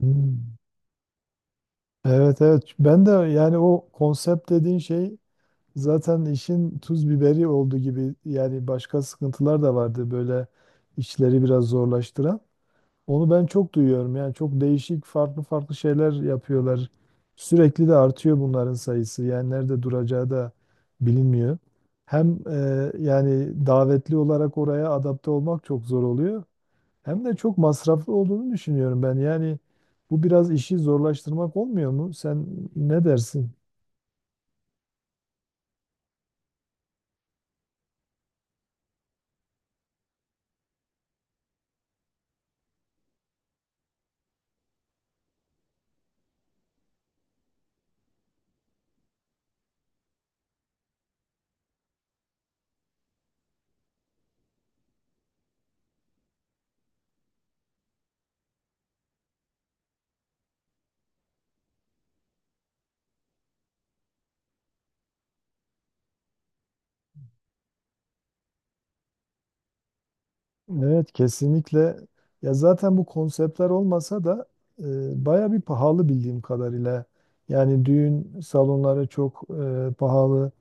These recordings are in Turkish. Hmm. Evet evet ben de yani o konsept dediğin şey zaten işin tuz biberi oldu gibi yani başka sıkıntılar da vardı böyle işleri biraz zorlaştıran. Onu ben çok duyuyorum yani çok değişik farklı farklı şeyler yapıyorlar. Sürekli de artıyor bunların sayısı yani nerede duracağı da bilinmiyor. Hem yani davetli olarak oraya adapte olmak çok zor oluyor. Hem de çok masraflı olduğunu düşünüyorum ben. Yani bu biraz işi zorlaştırmak olmuyor mu? Sen ne dersin? Evet, kesinlikle. Ya zaten bu konseptler olmasa da baya bir pahalı bildiğim kadarıyla. Yani düğün salonları çok pahalı.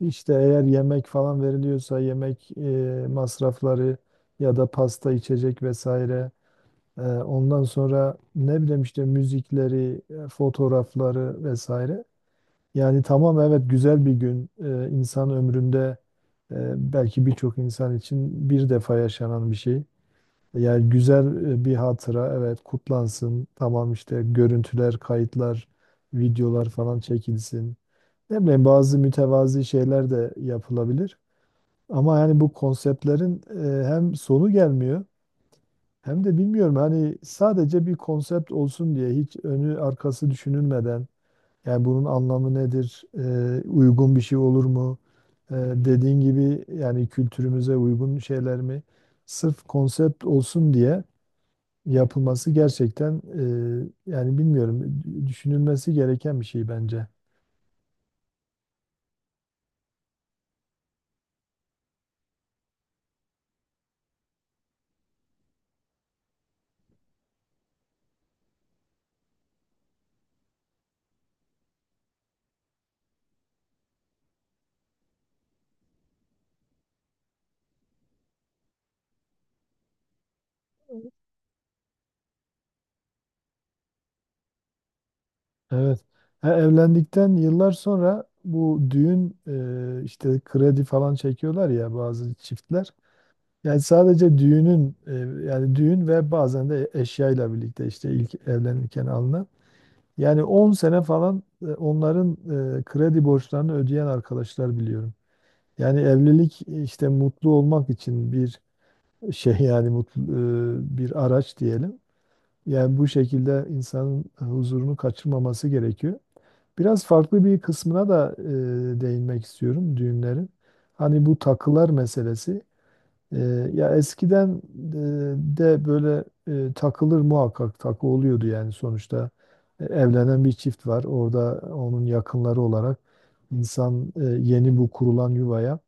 İşte eğer yemek falan veriliyorsa yemek masrafları ya da pasta, içecek vesaire. Ondan sonra ne bileyim işte müzikleri, fotoğrafları vesaire. Yani tamam evet güzel bir gün. İnsan ömründe belki birçok insan için bir defa yaşanan bir şey. Yani güzel bir hatıra evet kutlansın. Tamam işte görüntüler, kayıtlar, videolar falan çekilsin. Ne bileyim bazı mütevazi şeyler de yapılabilir. Ama yani bu konseptlerin hem sonu gelmiyor hem de bilmiyorum hani sadece bir konsept olsun diye hiç önü arkası düşünülmeden yani bunun anlamı nedir? Uygun bir şey olur mu? Dediğin gibi yani kültürümüze uygun şeyler mi? Sırf konsept olsun diye yapılması gerçekten yani bilmiyorum düşünülmesi gereken bir şey bence. Evet. Ha, evlendikten yıllar sonra bu düğün işte kredi falan çekiyorlar ya bazı çiftler. Yani sadece düğünün yani düğün ve bazen de eşyayla birlikte işte ilk evlenirken alınan. Yani 10 sene falan onların kredi borçlarını ödeyen arkadaşlar biliyorum. Yani evlilik işte mutlu olmak için bir şey yani mutlu bir araç diyelim. Yani bu şekilde insanın huzurunu kaçırmaması gerekiyor. Biraz farklı bir kısmına da değinmek istiyorum düğünlerin. Hani bu takılar meselesi. Ya eskiden de böyle takılır muhakkak takı oluyordu yani sonuçta. Evlenen bir çift var orada onun yakınları olarak insan yeni bu kurulan yuvaya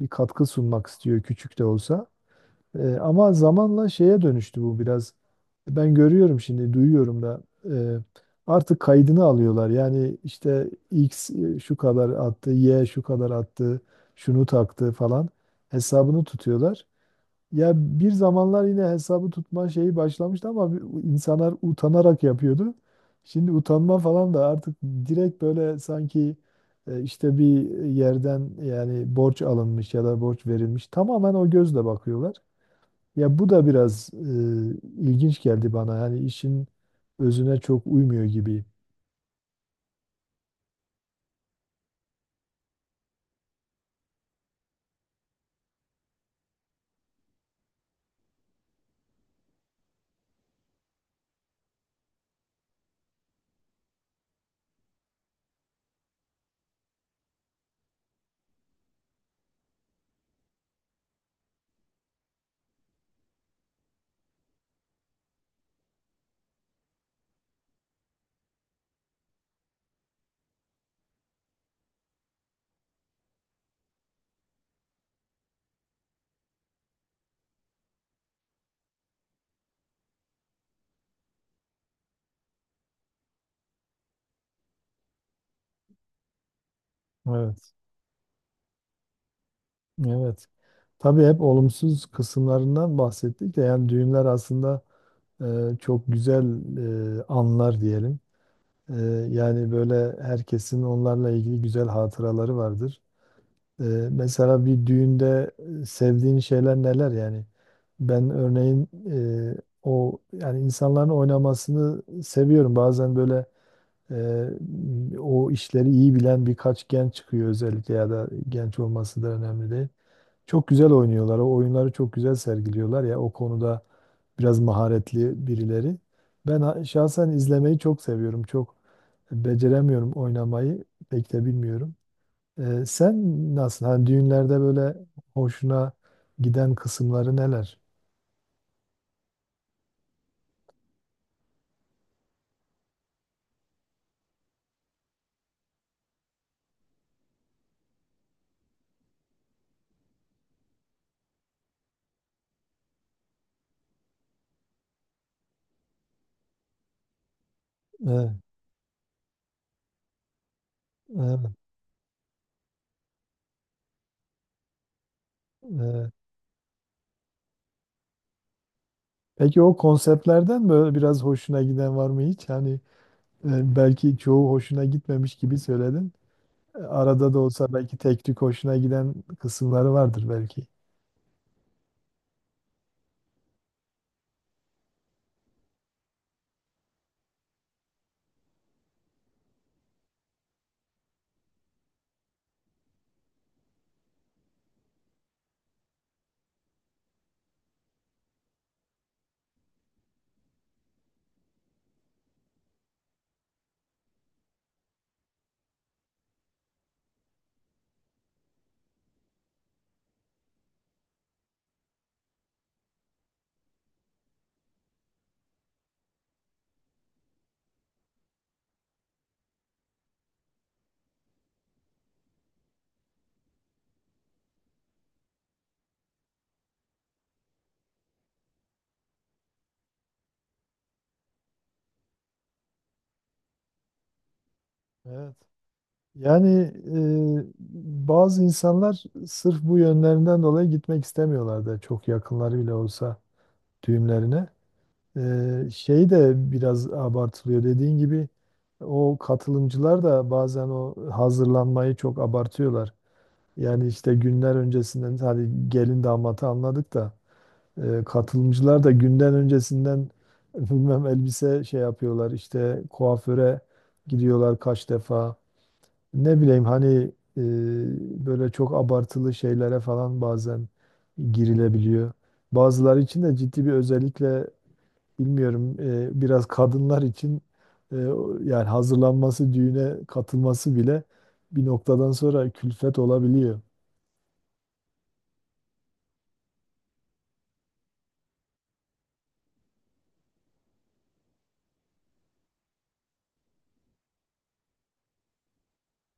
bir katkı sunmak istiyor küçük de olsa. Ama zamanla şeye dönüştü bu biraz, ben görüyorum şimdi duyuyorum da e, artık kaydını alıyorlar yani işte X şu kadar attı, Y şu kadar attı, şunu taktı falan hesabını tutuyorlar. Ya bir zamanlar yine hesabı tutma şeyi başlamıştı ama insanlar utanarak yapıyordu. Şimdi utanma falan da artık direkt böyle sanki işte bir yerden yani borç alınmış ya da borç verilmiş. Tamamen o gözle bakıyorlar. Ya bu da biraz ilginç geldi bana. Yani işin özüne çok uymuyor gibi. Evet. Evet. Tabii hep olumsuz kısımlarından bahsettik de yani düğünler aslında çok güzel anlar diyelim. Ee, Yani böyle herkesin onlarla ilgili güzel hatıraları vardır. Ee, Mesela bir düğünde sevdiğin şeyler neler yani? Ben örneğin o yani insanların oynamasını seviyorum. Bazen böyle o işleri iyi bilen birkaç genç çıkıyor özellikle, ya da genç olması da önemli değil. Çok güzel oynuyorlar. O oyunları çok güzel sergiliyorlar ya. O konuda biraz maharetli birileri. Ben şahsen izlemeyi çok seviyorum. Çok beceremiyorum oynamayı. Pek de bilmiyorum. Sen nasıl? Hani düğünlerde böyle hoşuna giden kısımları neler? Evet, evet, evet. Peki o konseptlerden böyle biraz hoşuna giden var mı hiç? Hani belki çoğu hoşuna gitmemiş gibi söyledin. Arada da olsa belki tek tük hoşuna giden kısımları vardır belki. Evet. Yani e, bazı insanlar sırf bu yönlerinden dolayı gitmek istemiyorlar, da çok yakınları bile olsa düğümlerine. Şey de biraz abartılıyor. Dediğin gibi o katılımcılar da bazen o hazırlanmayı çok abartıyorlar. Yani işte günler öncesinden hadi gelin damatı anladık da katılımcılar da günden öncesinden bilmem elbise şey yapıyorlar, işte kuaföre gidiyorlar kaç defa. Ne bileyim hani böyle çok abartılı şeylere falan bazen girilebiliyor. Bazıları için de ciddi bir, özellikle bilmiyorum biraz kadınlar için yani hazırlanması, düğüne katılması bile bir noktadan sonra külfet olabiliyor.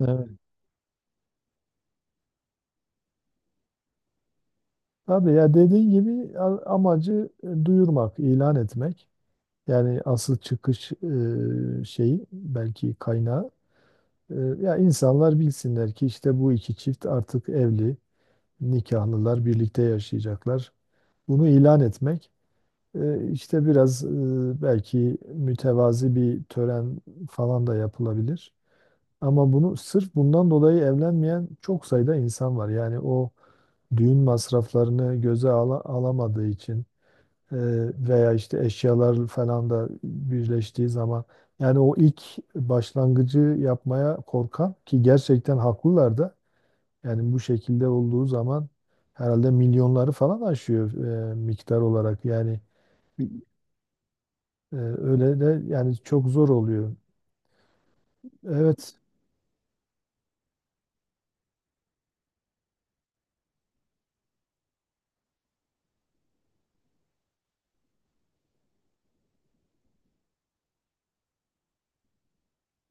Evet. Tabii ya dediğin gibi amacı duyurmak, ilan etmek. Yani asıl çıkış şeyi, belki kaynağı. Ya insanlar bilsinler ki işte bu iki çift artık evli, nikahlılar birlikte yaşayacaklar. Bunu ilan etmek işte biraz belki mütevazi bir tören falan da yapılabilir. Ama bunu sırf bundan dolayı evlenmeyen çok sayıda insan var. Yani o düğün masraflarını göze alamadığı için ee, veya işte eşyalar falan da birleştiği zaman yani o ilk başlangıcı yapmaya korkan, ki gerçekten haklılar da, yani bu şekilde olduğu zaman herhalde milyonları falan aşıyor miktar olarak, yani öyle de yani çok zor oluyor. Evet.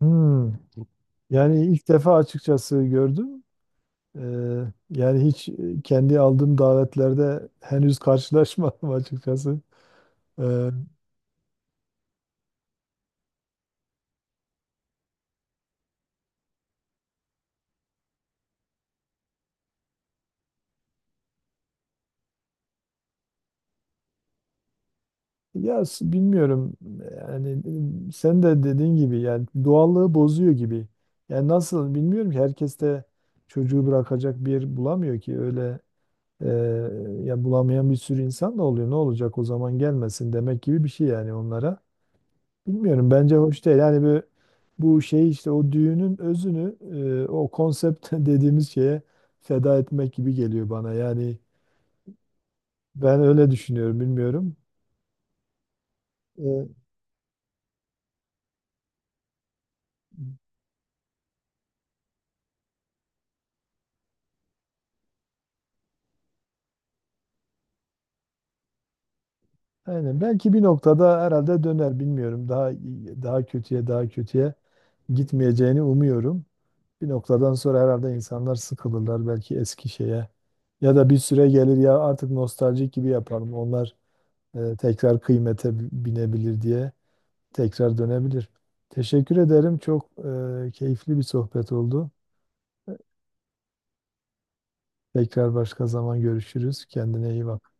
Hmm. Yani ilk defa açıkçası gördüm. Ee, Yani hiç kendi aldığım davetlerde henüz karşılaşmadım açıkçası. Ee, Ya bilmiyorum yani, sen de dediğin gibi yani doğallığı bozuyor gibi. Yani nasıl, bilmiyorum ki, herkes de çocuğu bırakacak bir yer bulamıyor ki öyle e, ya, bulamayan bir sürü insan da oluyor. Ne olacak o zaman, gelmesin demek gibi bir şey yani onlara. Bilmiyorum, bence hoş değil. Yani bu şey işte o düğünün özünü o konsept dediğimiz şeye feda etmek gibi geliyor bana. Yani ben öyle düşünüyorum, bilmiyorum. E, Aynen. Belki bir noktada herhalde döner, bilmiyorum. Daha kötüye, daha kötüye gitmeyeceğini umuyorum. Bir noktadan sonra herhalde insanlar sıkılırlar belki eski şeye. Ya da bir süre gelir ya, artık nostaljik gibi yapalım. Onlar tekrar kıymete binebilir diye tekrar dönebilir. Teşekkür ederim. Çok keyifli bir sohbet oldu. Tekrar başka zaman görüşürüz. Kendine iyi bak.